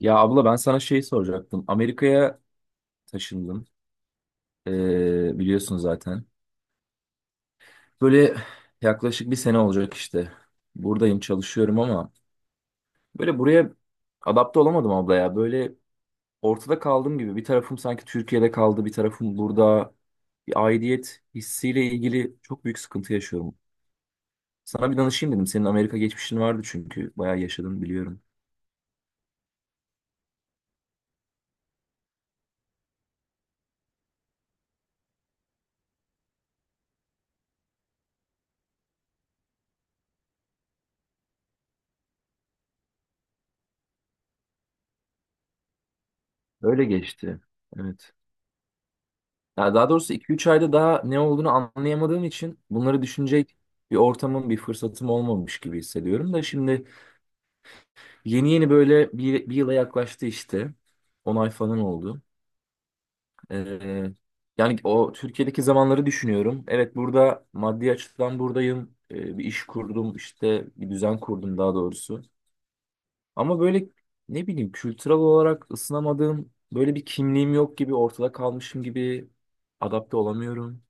Ya abla ben sana şey soracaktım. Amerika'ya taşındım. Biliyorsun zaten. Böyle yaklaşık bir sene olacak işte. Buradayım çalışıyorum ama böyle buraya adapte olamadım abla ya. Böyle ortada kaldığım gibi bir tarafım sanki Türkiye'de kaldı, bir tarafım burada. Bir aidiyet hissiyle ilgili çok büyük sıkıntı yaşıyorum. Sana bir danışayım dedim. Senin Amerika geçmişin vardı çünkü. Bayağı yaşadın biliyorum. Öyle geçti. Evet. Ya daha doğrusu iki üç ayda daha ne olduğunu anlayamadığım için bunları düşünecek bir ortamım, bir fırsatım olmamış gibi hissediyorum da şimdi yeni yeni böyle bir yıla yaklaştı işte. 10 ay falan oldu. Ee, yani o Türkiye'deki zamanları düşünüyorum. Evet burada maddi açıdan buradayım. Bir iş kurdum işte bir düzen kurdum daha doğrusu. Ama böyle ne bileyim kültürel olarak ısınamadığım böyle bir kimliğim yok gibi ortada kalmışım gibi adapte olamıyorum.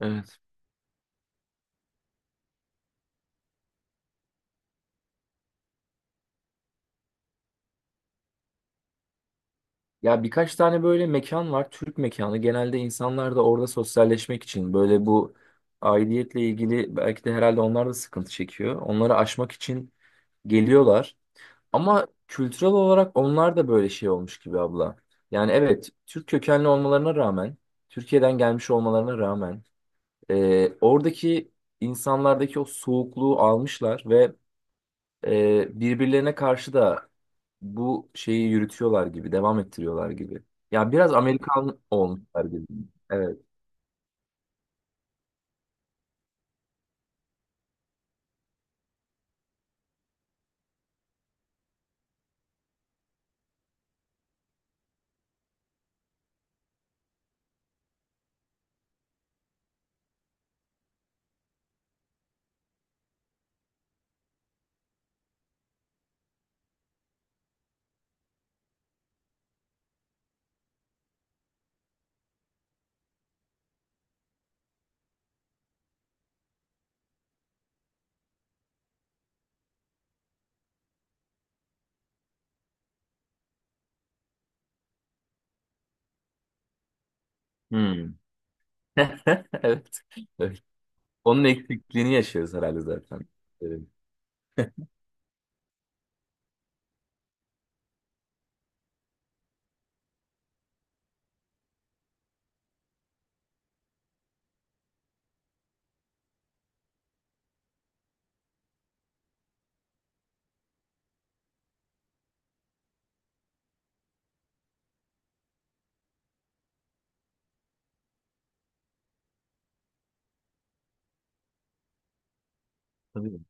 Evet. Ya birkaç tane böyle mekan var. Türk mekanı. Genelde insanlar da orada sosyalleşmek için böyle bu aidiyetle ilgili belki de herhalde onlar da sıkıntı çekiyor. Onları aşmak için geliyorlar. Ama kültürel olarak onlar da böyle şey olmuş gibi abla. Yani evet Türk kökenli olmalarına rağmen, Türkiye'den gelmiş olmalarına rağmen oradaki insanlardaki o soğukluğu almışlar ve birbirlerine karşı da bu şeyi yürütüyorlar gibi, devam ettiriyorlar gibi. Ya biraz Amerikan olmuşlar gibi. Evet. Hmm. Evet. Evet. Onun eksikliğini yaşıyoruz herhalde zaten. Evet. Tabii.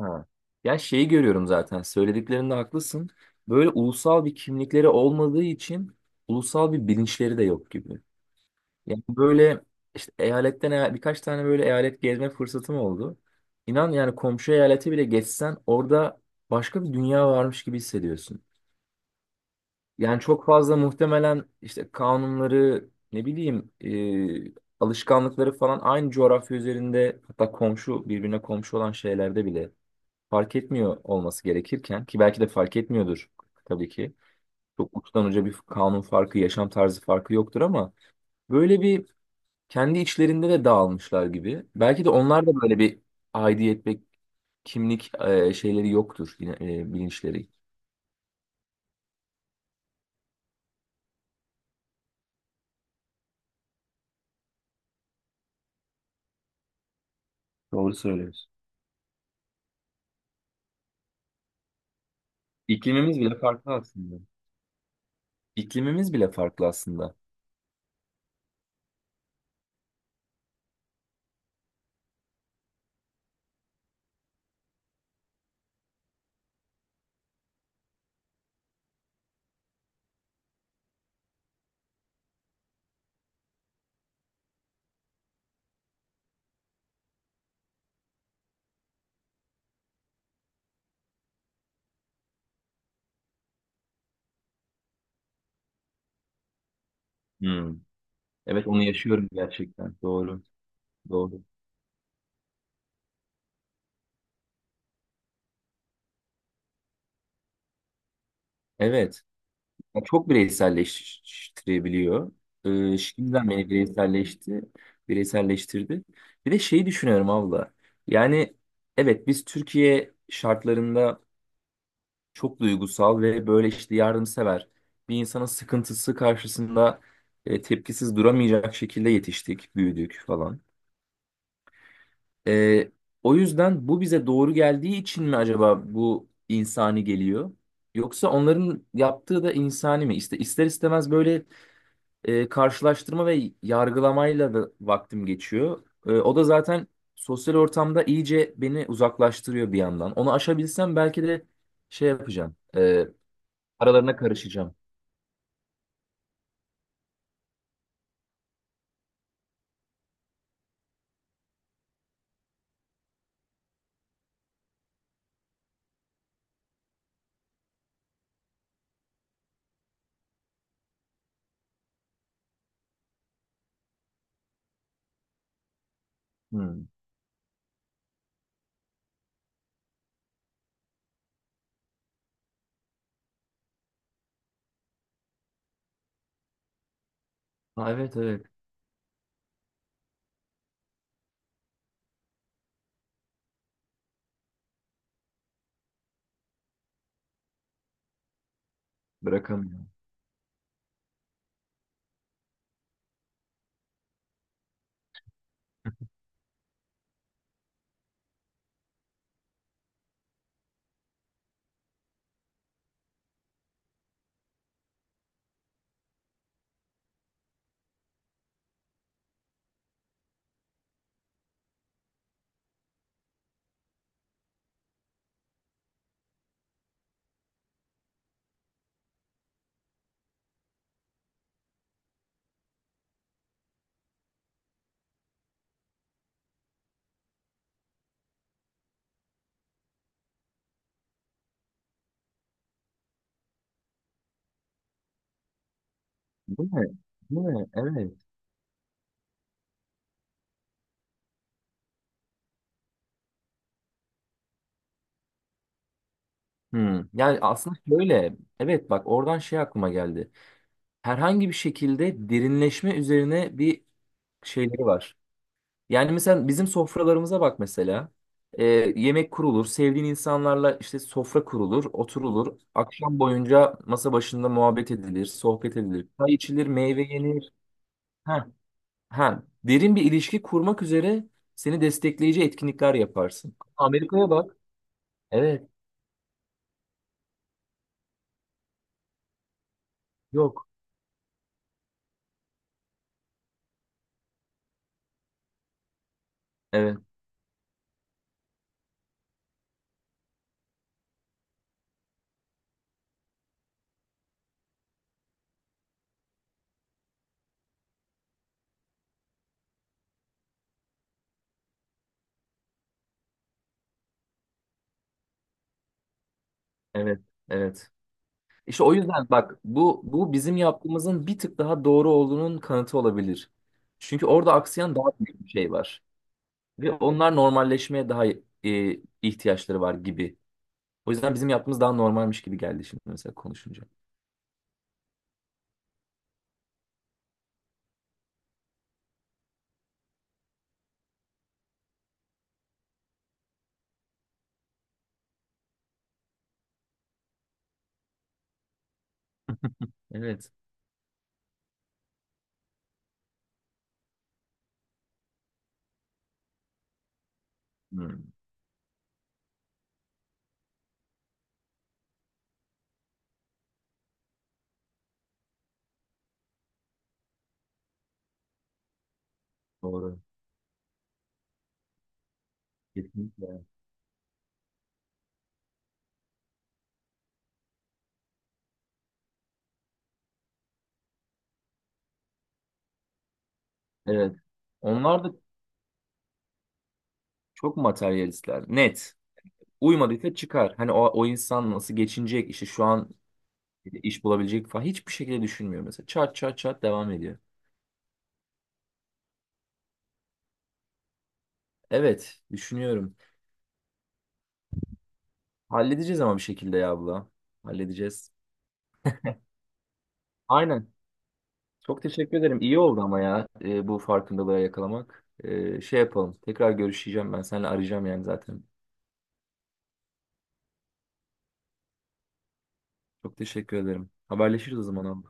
Ha. Ya şeyi görüyorum zaten. Söylediklerinde haklısın. Böyle ulusal bir kimlikleri olmadığı için ulusal bir bilinçleri de yok gibi. Yani böyle işte birkaç tane böyle eyalet gezme fırsatım oldu. İnan yani komşu eyaleti bile geçsen orada başka bir dünya varmış gibi hissediyorsun. Yani çok fazla muhtemelen işte kanunları ne bileyim e, alışkanlıkları falan aynı coğrafya üzerinde hatta birbirine komşu olan şeylerde bile fark etmiyor olması gerekirken ki belki de fark etmiyordur tabii ki. Çok uçtan uca bir kanun farkı, yaşam tarzı farkı yoktur ama böyle bir kendi içlerinde de dağılmışlar gibi. Belki de onlar da böyle bir aidiyet ve kimlik şeyleri yoktur yine bilinçleri. Doğru söylüyorsun. İklimimiz bile farklı aslında. İklimimiz bile farklı aslında. Hmm. Evet onu yaşıyorum gerçekten. Doğru. Doğru. Evet. Ya çok bireyselleştirebiliyor. Şimdiden beni bireyselleşti. Bireyselleştirdi. Bir de şeyi düşünüyorum abla. Yani evet biz Türkiye şartlarında çok duygusal ve böyle işte yardımsever. Bir insanın sıkıntısı karşısında tepkisiz duramayacak şekilde yetiştik, büyüdük falan. E, o yüzden bu bize doğru geldiği için mi acaba bu insani geliyor? Yoksa onların yaptığı da insani mi? İşte ister istemez böyle karşılaştırma ve yargılamayla da vaktim geçiyor. E, o da zaten sosyal ortamda iyice beni uzaklaştırıyor bir yandan. Onu aşabilsem belki de şey yapacağım. Aralarına karışacağım. Hmm. Ha, evet evet bırakamıyor. Bu ne? Bu ne? Evet. Hmm. Yani aslında şöyle evet bak oradan şey aklıma geldi. Herhangi bir şekilde derinleşme üzerine bir şeyleri var. Yani mesela bizim sofralarımıza bak mesela. Ee, yemek kurulur, sevdiğin insanlarla işte sofra kurulur, oturulur. Akşam boyunca masa başında muhabbet edilir, sohbet edilir. Çay içilir, meyve yenir. Ha, derin bir ilişki kurmak üzere seni destekleyici etkinlikler yaparsın. Amerika'ya bak. Evet, yok. Evet, evet, evet. İşte o yüzden bak bu bizim yaptığımızın bir tık daha doğru olduğunun kanıtı olabilir. Çünkü orada aksayan daha büyük bir şey var. Ve onlar normalleşmeye daha ihtiyaçları var gibi. O yüzden bizim yaptığımız daha normalmiş gibi geldi şimdi mesela konuşunca. Evet. Hmm, doğru. Kesinlikle. Evet. Onlar da çok materyalistler. Net. Uymadıysa çıkar. Hani o, o insan nasıl geçinecek, işte şu an iş bulabilecek falan hiçbir şekilde düşünmüyor mesela. Çat çat çat devam ediyor. Evet, düşünüyorum. Halledeceğiz ama bir şekilde ya abla. Halledeceğiz. Aynen. Çok teşekkür ederim. İyi oldu ama ya bu farkındalığa yakalamak. E, şey yapalım. Tekrar görüşeceğim ben. Seninle arayacağım yani zaten. Çok teşekkür ederim. Haberleşiriz o zaman abla.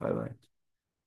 Bay bay.